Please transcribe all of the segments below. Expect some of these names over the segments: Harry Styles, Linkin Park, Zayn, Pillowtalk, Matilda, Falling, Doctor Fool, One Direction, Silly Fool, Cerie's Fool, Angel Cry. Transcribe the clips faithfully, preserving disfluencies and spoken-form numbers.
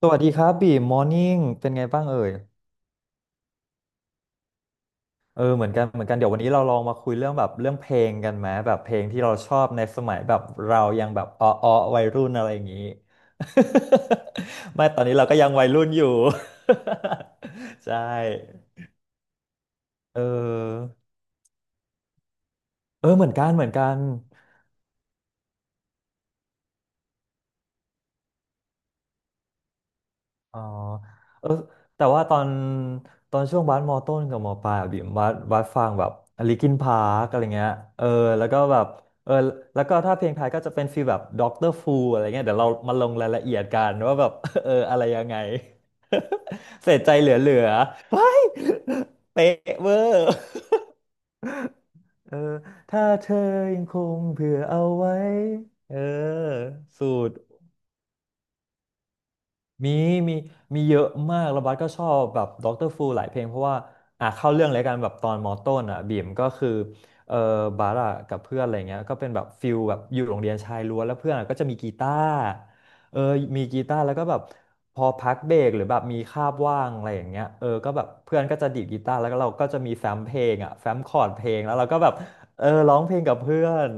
สวัสดีครับบีมมอร์นิ่งเป็นไงบ้างเอ่ยเออเหมือนกันเหมือนกันเดี๋ยววันนี้เราลองมาคุยเรื่องแบบเรื่องเพลงกันไหมแบบเพลงที่เราชอบในสมัยแบบเรายังแบบอ้อออวัยรุ่นอะไรอย่างนี้ ไม่ตอนนี้เราก็ยังวัยรุ่นอยู่ ใช่เออเออเหมือนกันเหมือนกัน อ๋อเออแต่ว่าตอนตอนช่วงบาสมอต้นกับมอปลายอะบิ่มบาสบาสฟังแบบลิคินพาร์กอะไรเงี้ยเออแล้วก็แบบเออแล้วก็ถ้าเพลงไทยก็จะเป็นฟีลแบบด็อกเตอร์ฟูอะไรเงี้ยเดี๋ยวเรามาลงรายละเอียดกันว่าแบบ เอออะไรยังไง เสียใจเหลือๆว้ายเป๊ะเวอร์ เออถ้าเธอยังคงเผื่อเอาไว้เออสูตร มีมีมีเยอะมากแล้วบัสก็ชอบแบบด็อกเตอร์ฟูหลายเพลงเพราะว่าอ่ะเข้าเรื่องเลยกันแบบตอนมอต้นอ่ะบีมก็คือเออบัสอ่ะกับเพื่อนอะไรเงี้ยก็เป็นแบบฟิลแบบอยู่โรงเรียนชายล้วนแล้วเพื่อนอะก็จะมีกีตาร์เออมีกีตาร์แล้วก็แบบพอพักเบรกหรือแบบมีคาบว่างอะไรอย่างเงี้ยเออก็แบบเพื่อนก็จะดีดกีตาร์แล้วก็เราก็จะมีแฟ้มเพลงอ่ะแฟ้มคอร์ดเพลงแล้วเราก็แบบเออร้องเพลงกับเพื่อน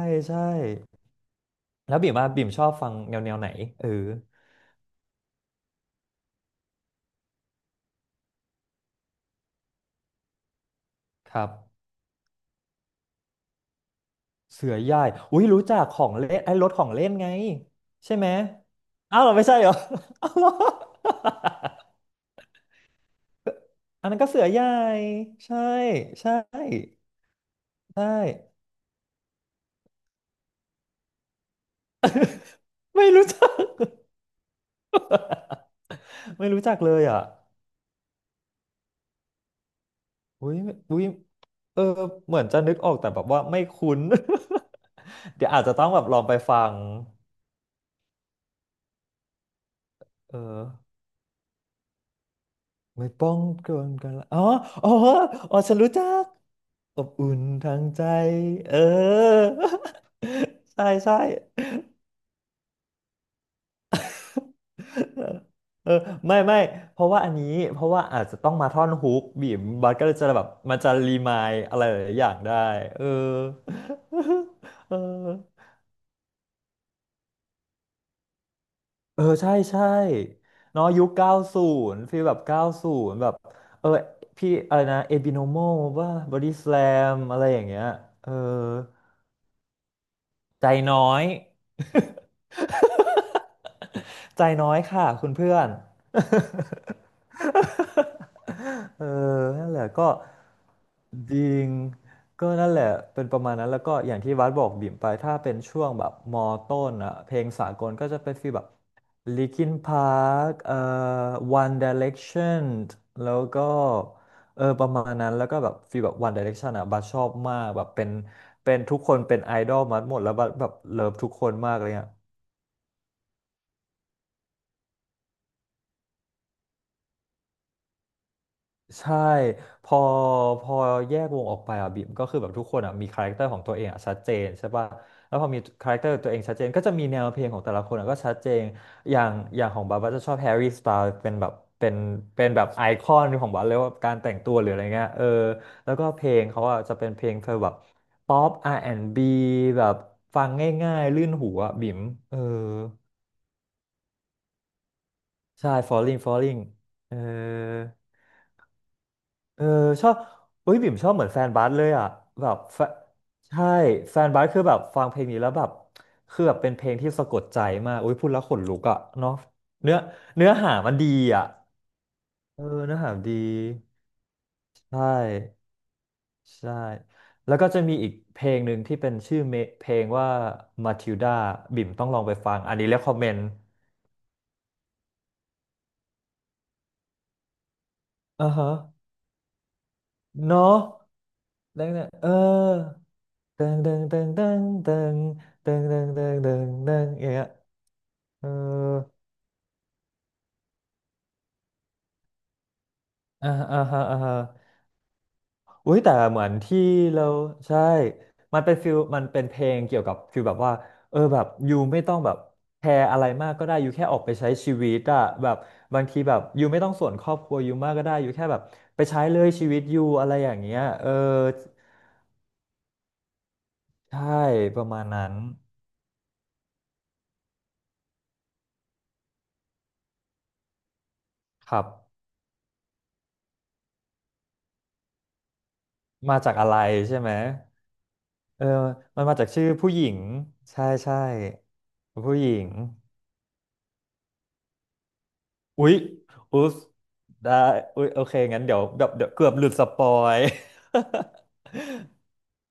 แล้วบิ่มว่าบิ่มชอบฟังแนวแนวไหนเออครับเสือใหญ่อุ้ยรู้จักของเล่นไอ้รถของเล่นไงใช่ไหมอ้าวเหรอไม่ใช่เหรออ้าวเหรอ อันนั้นก็เสือใหญ่ใช่ใช่ใช่ไม่รู้จัก ไม่รู้จักเลยอ่ะอุ้ยอุ้ยเออเหมือนจะนึกออกแต่แบบว่าไม่คุ้น เดี๋ยวอาจจะต้องแบบลองไปฟังเออ ไม่ป้องกันกันละอ๋ออ๋ออ๋อฉันรู้จักอบอุ่นทางใจเออ ใช่ใช่เออเออไม่ไม่เพราะว่าอันนี้เพราะว่าอาจจะต้องมาท่อนฮุกบีมบัสก็เลยจะแบบมันจะรีมายอะไรหลายๆอย่างได้เออ เออเออใช่ใช่เนาะยุคเก้าศูนย์ฟีลแบบเก้าศูนย์แบบเออพี่อะไรนะเอบิโนโมว่าบอดี้สแลมอะไรอย่างเงี้ยเออ ใจน้อยใจน้อยค่ะคุณเพื่อน เออนั่นแหละก็จริงก็นั่นแหละเป็นประมาณนั้นแล้วก็อย่างที่วัดบอกบิ่มไปถ้าเป็นช่วงแบบมอต้นอะเพลงสากลก็จะเป็นฟีลแบบ Linkin Park เอ่อ One Direction แล้วก็เออประมาณนั้นแล้วก็แบบฟีลแบบ One Direction อะบัสชอบมากแบบเป็นเป็นทุกคนเป็นไอดอลมาหมดแล้วบัสแบบเลิฟทุกคนมากเลยอะ ใช่พอพอแยกวงออกไปอ่ะบิมก็คือแบบทุกคนอ่ะมีคาแรคเตอร์ของตัวเองอ่ะชัดเจนใช่ป่ะแล้วพอมีคาแรคเตอร์ตัวเองชัดเจนก็จะมีแนวเพลงของแต่ละคนอ่ะก็ชัดเจนอย่างอย่างของบาบาจะชอบแฮร์รี่สไตล์เป็นแบบเป็นเป็นแบบไอคอนของบาเลยว่าการแต่งตัวหรืออะไรเงี้ยเออแล้วก็เพลงเขาอ่ะจะเป็นเพลงเธอแบบป๊อป อาร์ แอนด์ บี แอนด์บแบบฟังง่ายๆลื่นหูอ่ะบิมเออใช่ Falling Falling เออ เออชอบเฮ้ยบิ่มชอบเหมือนแฟนบาสเลยอ่ะแบบแฟใช่แฟนบาสคือแบบฟังเพลงนี้แล้วแบบคือแบบเป็นเพลงที่สะกดใจมากอุ้ยพูดแล้วขนลุกอ่ะเนาะเนื้อเนื้อหามันดีอ่ะเออเนื้อหาดีใช่ใช่แล้วก็จะมีอีกเพลงหนึ่งที่เป็นชื่อเมเพลงว่ามาทิลดาบิ่มต้องลองไปฟังอันนี้ r e คคอมเมนต์อ่าฮะเนาะแล้วเนี่ยเออ เดิงเดิงเดิงเดิงเดิงเดิงเดิงเดิงเดิงเดิงอย่างเงี้ยเอออ่าอ่าฮะอ่าฮะอุ้ยแต่เหมือนที่เราใช่มันเป็นฟิลมันเป็นเพลงเกี่ยวกับฟิลแบบว่าเออแบบยูไม่ต้องแบบแคร์อะไรมากก็ได้ยูแค่ออกไปใช้ชีวิตอะแบบบางทีแบบยูไม่ต้องส่วนครอบครัวยูมากก็ได้ยูแค่แบบไปใช้เลยชีวิตยูอะไรอย่างเงี้ยเออใช่ประมาณนั้นครับ มาจากอะไรใช่ไหมเออมันมาจากชื่อผู้หญิงใช่ใช่ผู้หญิง อุ๊ยอุ๊ยได้อุ๊ยโอเคงั้นเดี๋ยวเดี๋ยวเดี๋ยวเกือบหลุดสปอย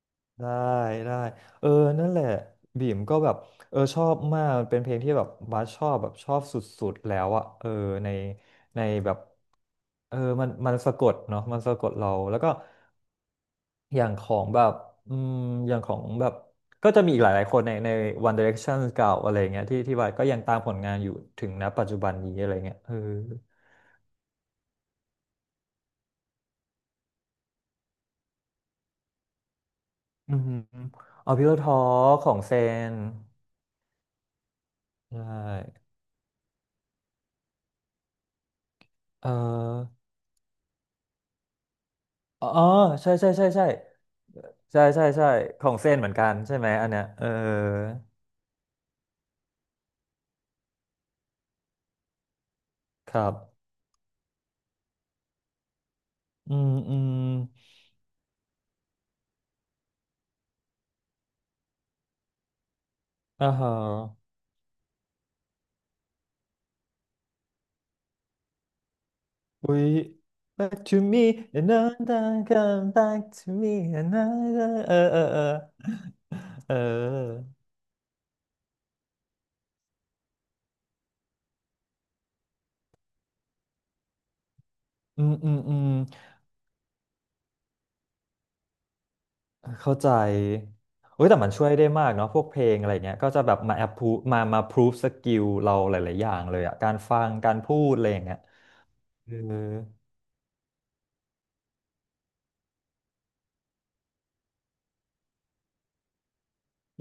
ได้ได้ เออ นั่นแหละบีมก็แบบเออชอบมากมันเป็นเพลงที่แบบบัสชอบแบบชอบสุดๆแล้วอะเออ ในในแบบเออมันมันสะกดเนาะมันสะกดเรา แล้วก็ อย่างของแบบอืมอย่างของแบบก็จะมีอีกหลายๆคนในใน One Direction เก่าอะไรเงี้ยที่ที่ว่าก็ยังตามผลงานอยู่ถึงณปัจจุบันนี้อะไรเงี้ยเอออืมเอาพิโลทอของเซนใช่เอออ๋อใช่ใช่ใช่ใช่ใช่ใช่ใช่ของเซนเหมือนกันใช่ไหมอันเนี้ยเออครับอืมอืมอ่าฮะ w a back to me another come back to me another เออเออเออเอออืมอืมอืมเข้าใจเฮ้ยแต่มันช่วยได้มากเนาะพวกเพลงอะไรเงี้ยก็จะแบบมาแอปพูมามาพรูฟสกิลเราหลายๆอย่างเลยอะการฟัง การพูดอะไรอย่างเงี้ยเออ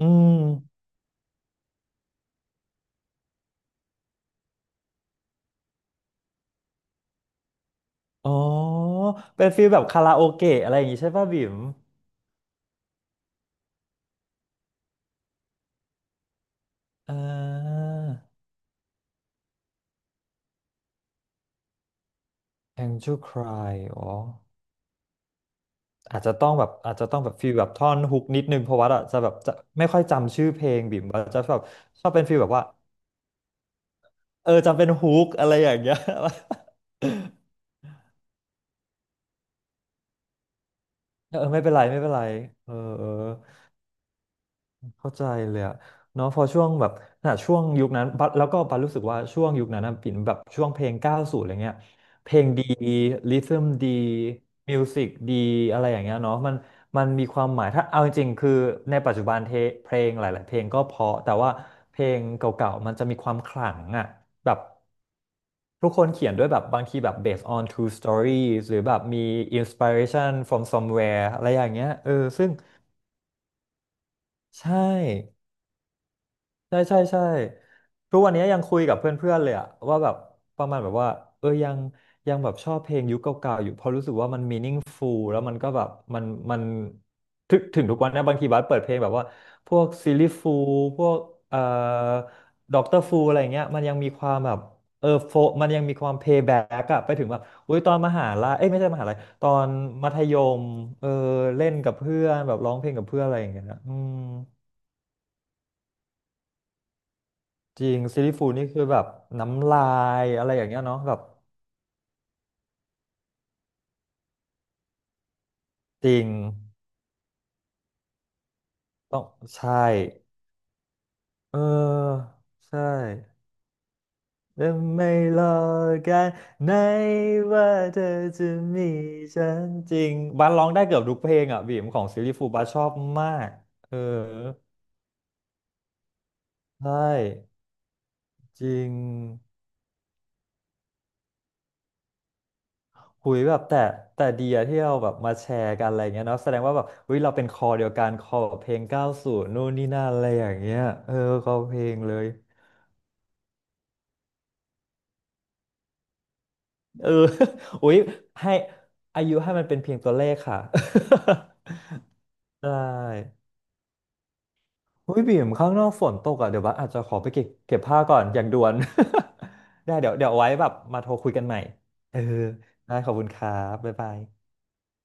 อืมอ๋อเป็นฟีลแบบคาราโอเกะอะไรอย่างงี้ใช่ป่ะบิ่มอ่า Angel Cry อ๋อ อาจจะต้องแบบอาจจะต้องแบบฟีลแบบท่อนฮุกนิดนึงเพราะว่าอะจะแบบจะไม่ค่อยจำชื่อเพลงบิ่มว่าจะแบบชอบเป็นฟีลแบบว่าเออจำเป็นฮุกอะไรอย่างเงี้ย เออไม่เป็นไรไม่เป็นไรเออเออ เข้าใจเลยอะเนาะพอช่วงแบบน่ะช่วงยุคนั้นบัสแล้วก็บัสรู้สึกว่าช่วงยุคนั้นนะปิ่นแบบช่วงเพลงเก้าสิบอะไรเงี้ยเพลงดีริทึมดีมิวสิกดีอะไรอย่างเงี้ยเนาะมันมันมีความหมายถ้าเอาจริงๆคือในปัจจุบันเทเพลงหลายๆเพลงก็เพราะแต่ว่าเพลงเก่าๆมันจะมีความขลังอะแบบทุกคนเขียนด้วยแบบบางทีแบบ based on true stories หรือแบบมี inspiration from somewhere อะไรอย่างเงี้ยเออซึ่งใช่ ใช่ใช่ใช่ทุกวันนี้ยังคุยกับเพื่อนๆเลยอะว่าแบบประมาณแบบว่าเออยังยังแบบชอบเพลงยุคเก่าๆอยู่เพราะรู้สึกว่ามัน meaningful แล้วมันก็แบบมันมันถึงถึงทุกวันนะบางทีบัสเปิดเพลงแบบว่าพวกซิลลี่ฟูลพวกเอ่อด็อกเตอร์ฟูลอะไรเงี้ยมันยังมีความแบบเออโฟมันยังมีความเพย์แบ็กอะไปถึงแบบอุ้ยตอนมหาลัยเอ้ยไม่ใช่มหาลัยตอนมัธยมเออเล่นกับเพื่อนแบบร้องเพลงกับเพื่อนอะไรอย่างเงี้ยนะอืม จริงซีรีส์ฟูลนี่คือแบบน้ำลายอะไรอย่างเงี้ยเนาะแบบจริงต้องใช่เออใช่และไม่รอกันไหนว่าเธอจะมีฉันจริงบ้านร้องได้เกือบทุกเพลงอ่ะบีมของซีรีส์ฟูลบ้านชอบมากเออใช่จริงหุยแบบแต่แต่เดียที่เราแบบมาแชร์กันอะไรเงี้ยเนาะแสดงว่าแบบเฮ้ยเราเป็นคอเดียวกันคอแบบเพลงเก้าสิบนู่นนี่นั่นอะไรอย่างเงี้ยเออคอเพลงเลย เออ อุ๊ยให้อายุให้มันเป็นเพียงตัวเลขค่ะ ได้อุ้ยบีมข้างนอกฝนตกอ่ะ เดี๋ยวบัสอาจจะขอไปเก็บเก็บผ้าก่อนอย่างด่วน ได้เดี๋ยวเดี๋ยวเอาไว้แบบมาโทรคุยกันใหม่เออได้ขอบคุณครับบ๊ายบาย